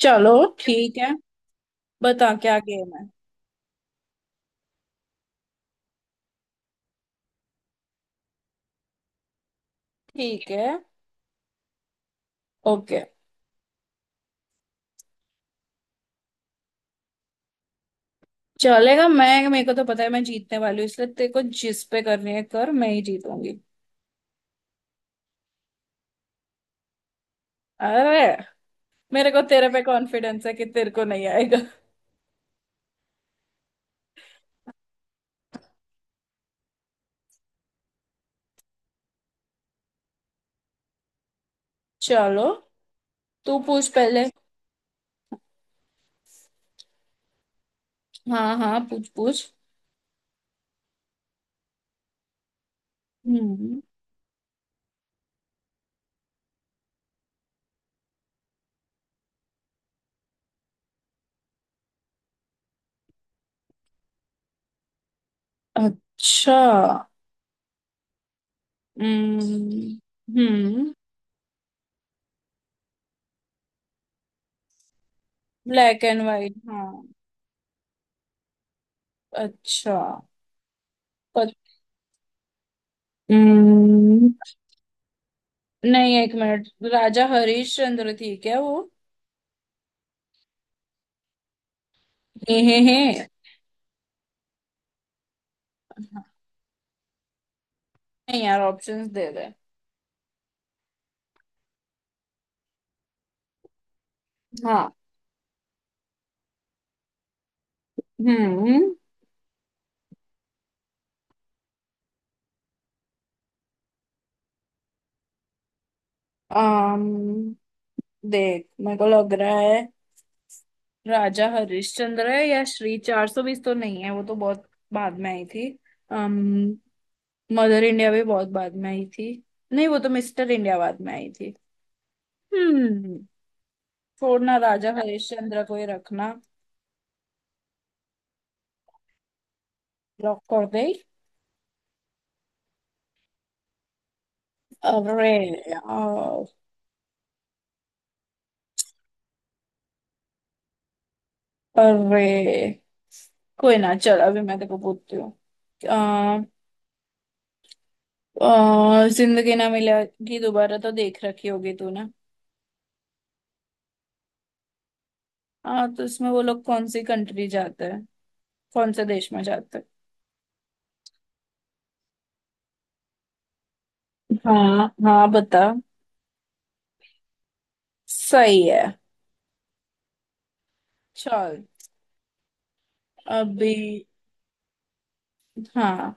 चलो। ठीक है। बता क्या गेम है। ठीक है। ओके। चलेगा। मैं, मेरे को तो पता है मैं जीतने वाली हूँ, इसलिए तेरे को जिस पे करनी है कर। मैं ही जीतूंगी। अरे, मेरे को तेरे पे कॉन्फिडेंस है कि तेरे को नहीं आएगा। चलो, तू पूछ पहले। हाँ हाँ, पूछ पूछ। हम्म। अच्छा। हम्म। हम्म। ब्लैक एंड वाइट, हाँ। अच्छा। पत, हम्म। नहीं, एक मिनट। राजा हरिश्चंद्र थी क्या वो? हे हे हे। नहीं यार, ऑप्शंस दे दे। हाँ। हम्म। अम्म देख, मेरे को लग रहा है राजा हरिश्चंद्र है, या श्री 420 तो नहीं है, वो तो बहुत बाद में आई थी। अम्म मदर इंडिया भी बहुत बाद में आई थी। नहीं, वो तो मिस्टर इंडिया बाद में आई थी। हम्म छोड़ना, राजा हरिश्चंद्र को ही रखना। लॉक कर दे। अरे यार। अरे कोई ना, चल अभी मैं तेको पूछती हूँ। और जिंदगी ना मिलेगी दोबारा तो देख रखी होगी तूने। हाँ तो इसमें वो लोग कौन सी कंट्री जाते हैं? कौन से देश में जाते हैं? हाँ हाँ, बता। सही है। चल। अभी। हाँ,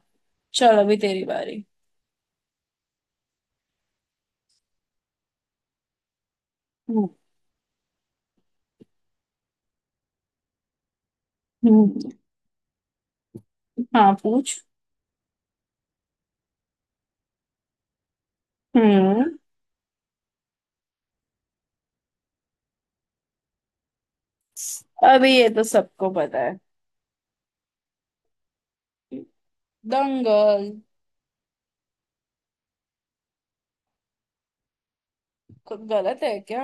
चल अभी तेरी बारी। हम्म। हम्म, हाँ, पूछ। हम्म। अभी ये तो सबको पता है। दंगल। कुछ गलत है क्या?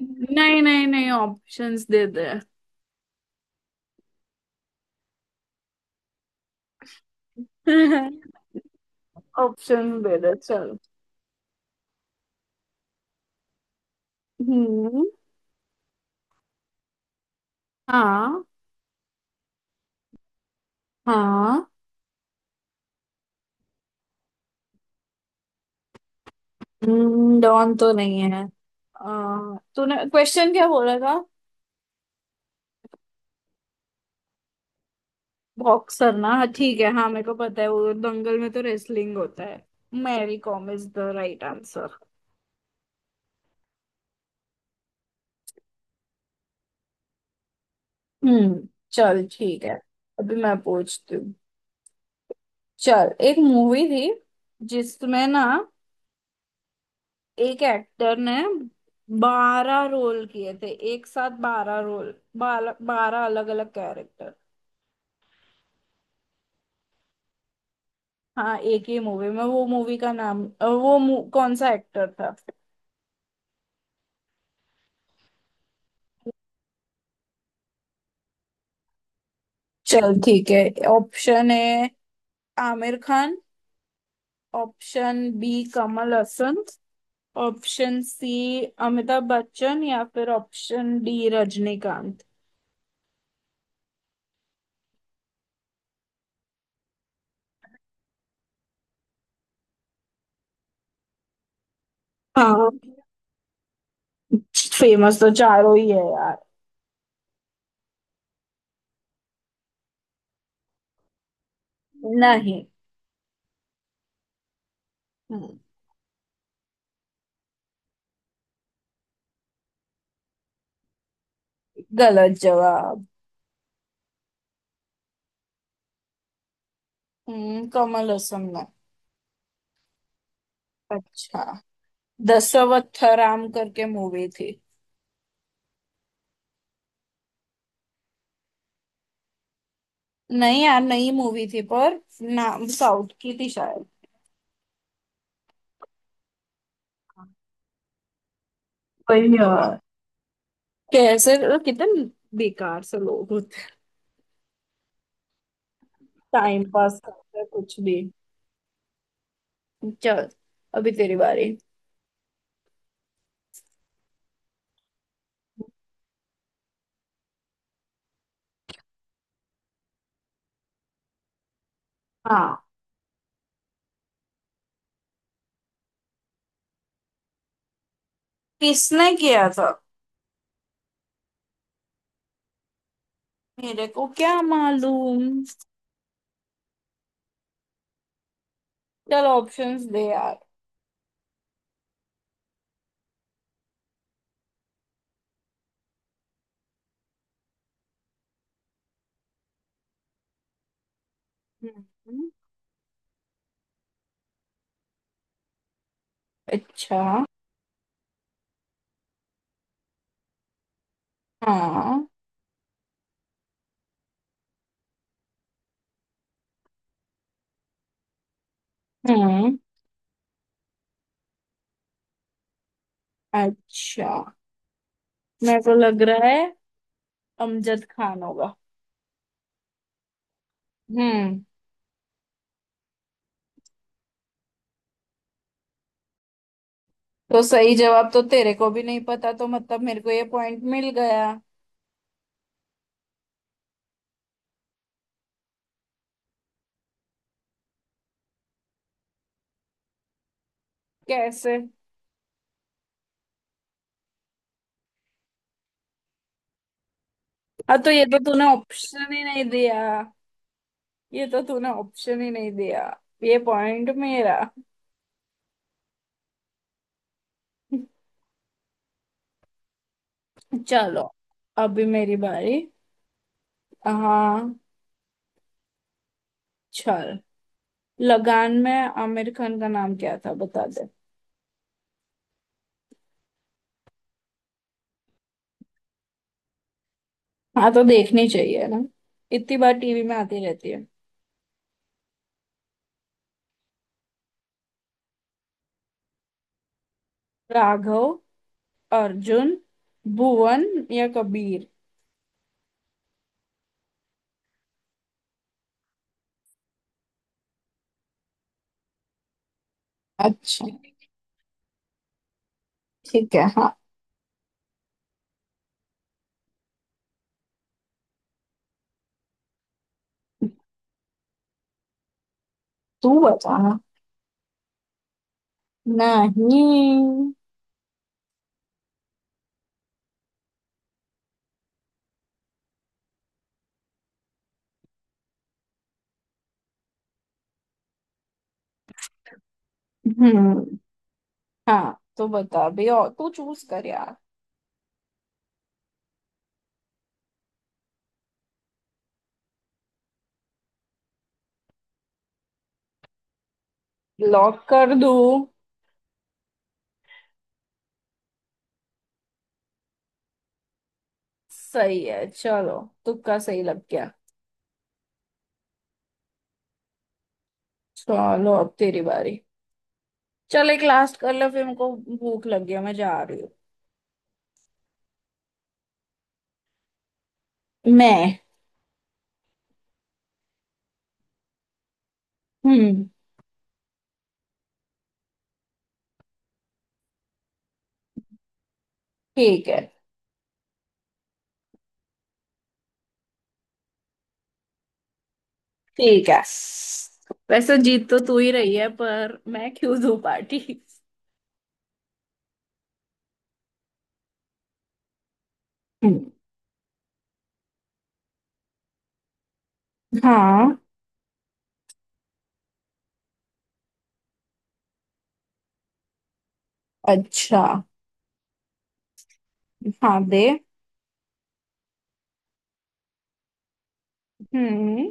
नहीं नहीं नहीं, ऑप्शंस दे दे। ऑप्शन दे दे, चल। हम्म। हाँ हाँ। डॉन तो नहीं है। तूने क्वेश्चन क्या बोला था? बॉक्सर ना, हाँ। ठीक है। हाँ, मेरे को पता है, वो दंगल में तो रेसलिंग होता है। Mary Kom is the right answer. हम्म चल ठीक है। अभी मैं पूछती हूँ। चल, एक मूवी थी जिसमें ना एक एक्टर ने 12 रोल किए थे, एक साथ 12 रोल, बारह बारह अलग अलग कैरेक्टर। हाँ, एक ही मूवी में। वो मूवी का नाम। कौन सा एक्टर था? चल ठीक है। Option A, Aamir Khan. Option B, Kamal Haasan. Option C, Amitabh Bachchan. या फिर ऑप्शन डी, रजनीकांत। हाँ, फेमस तो चारों ही है यार। नहीं। हम्म, गलत जवाब। कमल हसन ने। अच्छा। दशावतारम करके मूवी थी। नहीं यार, नई मूवी थी पर। नाम साउथ की थी शायद। वही यार। कैसे। कितने बेकार से लोग होते हैं। टाइम पास करते हैं कुछ भी। चल, अभी तेरी बारी। हाँ। किसने किया था? मेरे को क्या मालूम। चल, ऑप्शंस दे यार। हम्म। अच्छा। हाँ। हम्म। अच्छा, मेरे को लग रहा है अमजद खान होगा। हम्म। तो सही जवाब तो तेरे को भी नहीं पता, तो मतलब मेरे को ये पॉइंट मिल गया। कैसे? हाँ तो ये तो तूने ऑप्शन ही नहीं दिया। ये तो तूने ऑप्शन ही नहीं दिया। ये पॉइंट मेरा। चलो, अभी मेरी बारी। हाँ, चल। लगान में आमिर खान का नाम क्या था बता दे। हाँ तो देखनी चाहिए ना, इतनी बार टीवी में आती रहती है। राघव, अर्जुन, भुवन या कबीर। अच्छा ठीक है। हाँ। तू बता। नहीं। हम्म। हाँ तो बता भी, और तू चूज कर यार। लॉक कर दू सही है। चलो, तुक्का सही लग गया। चलो, अब तेरी बारी। चल एक लास्ट कर लो, फिर मुझको भूख लग गया, मैं जा रही हूँ। मैं। हम्म। ठीक है। ठीक है। वैसे जीत तो तू ही रही है, पर मैं क्यों दूँ पार्टी? हम्म, हाँ। अच्छा। हाँ, दे। हम्म।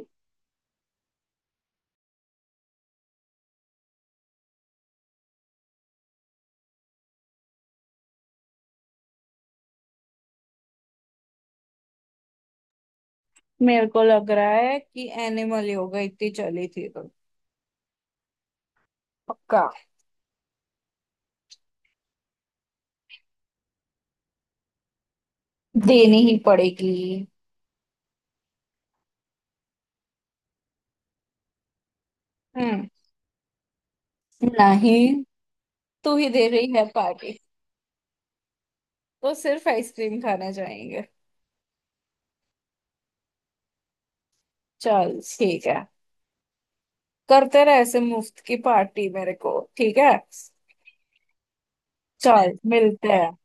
मेरे को लग रहा है कि एनिमल, योगा इतनी चली थी तो। पक्का। देनी ही पड़ेगी। हम्म, नहीं, तू ही दे रही है पार्टी। तो सिर्फ आइसक्रीम खाने जाएंगे? चल ठीक है। करते रहे ऐसे मुफ्त की पार्टी मेरे को, ठीक है। चल, मिलते हैं।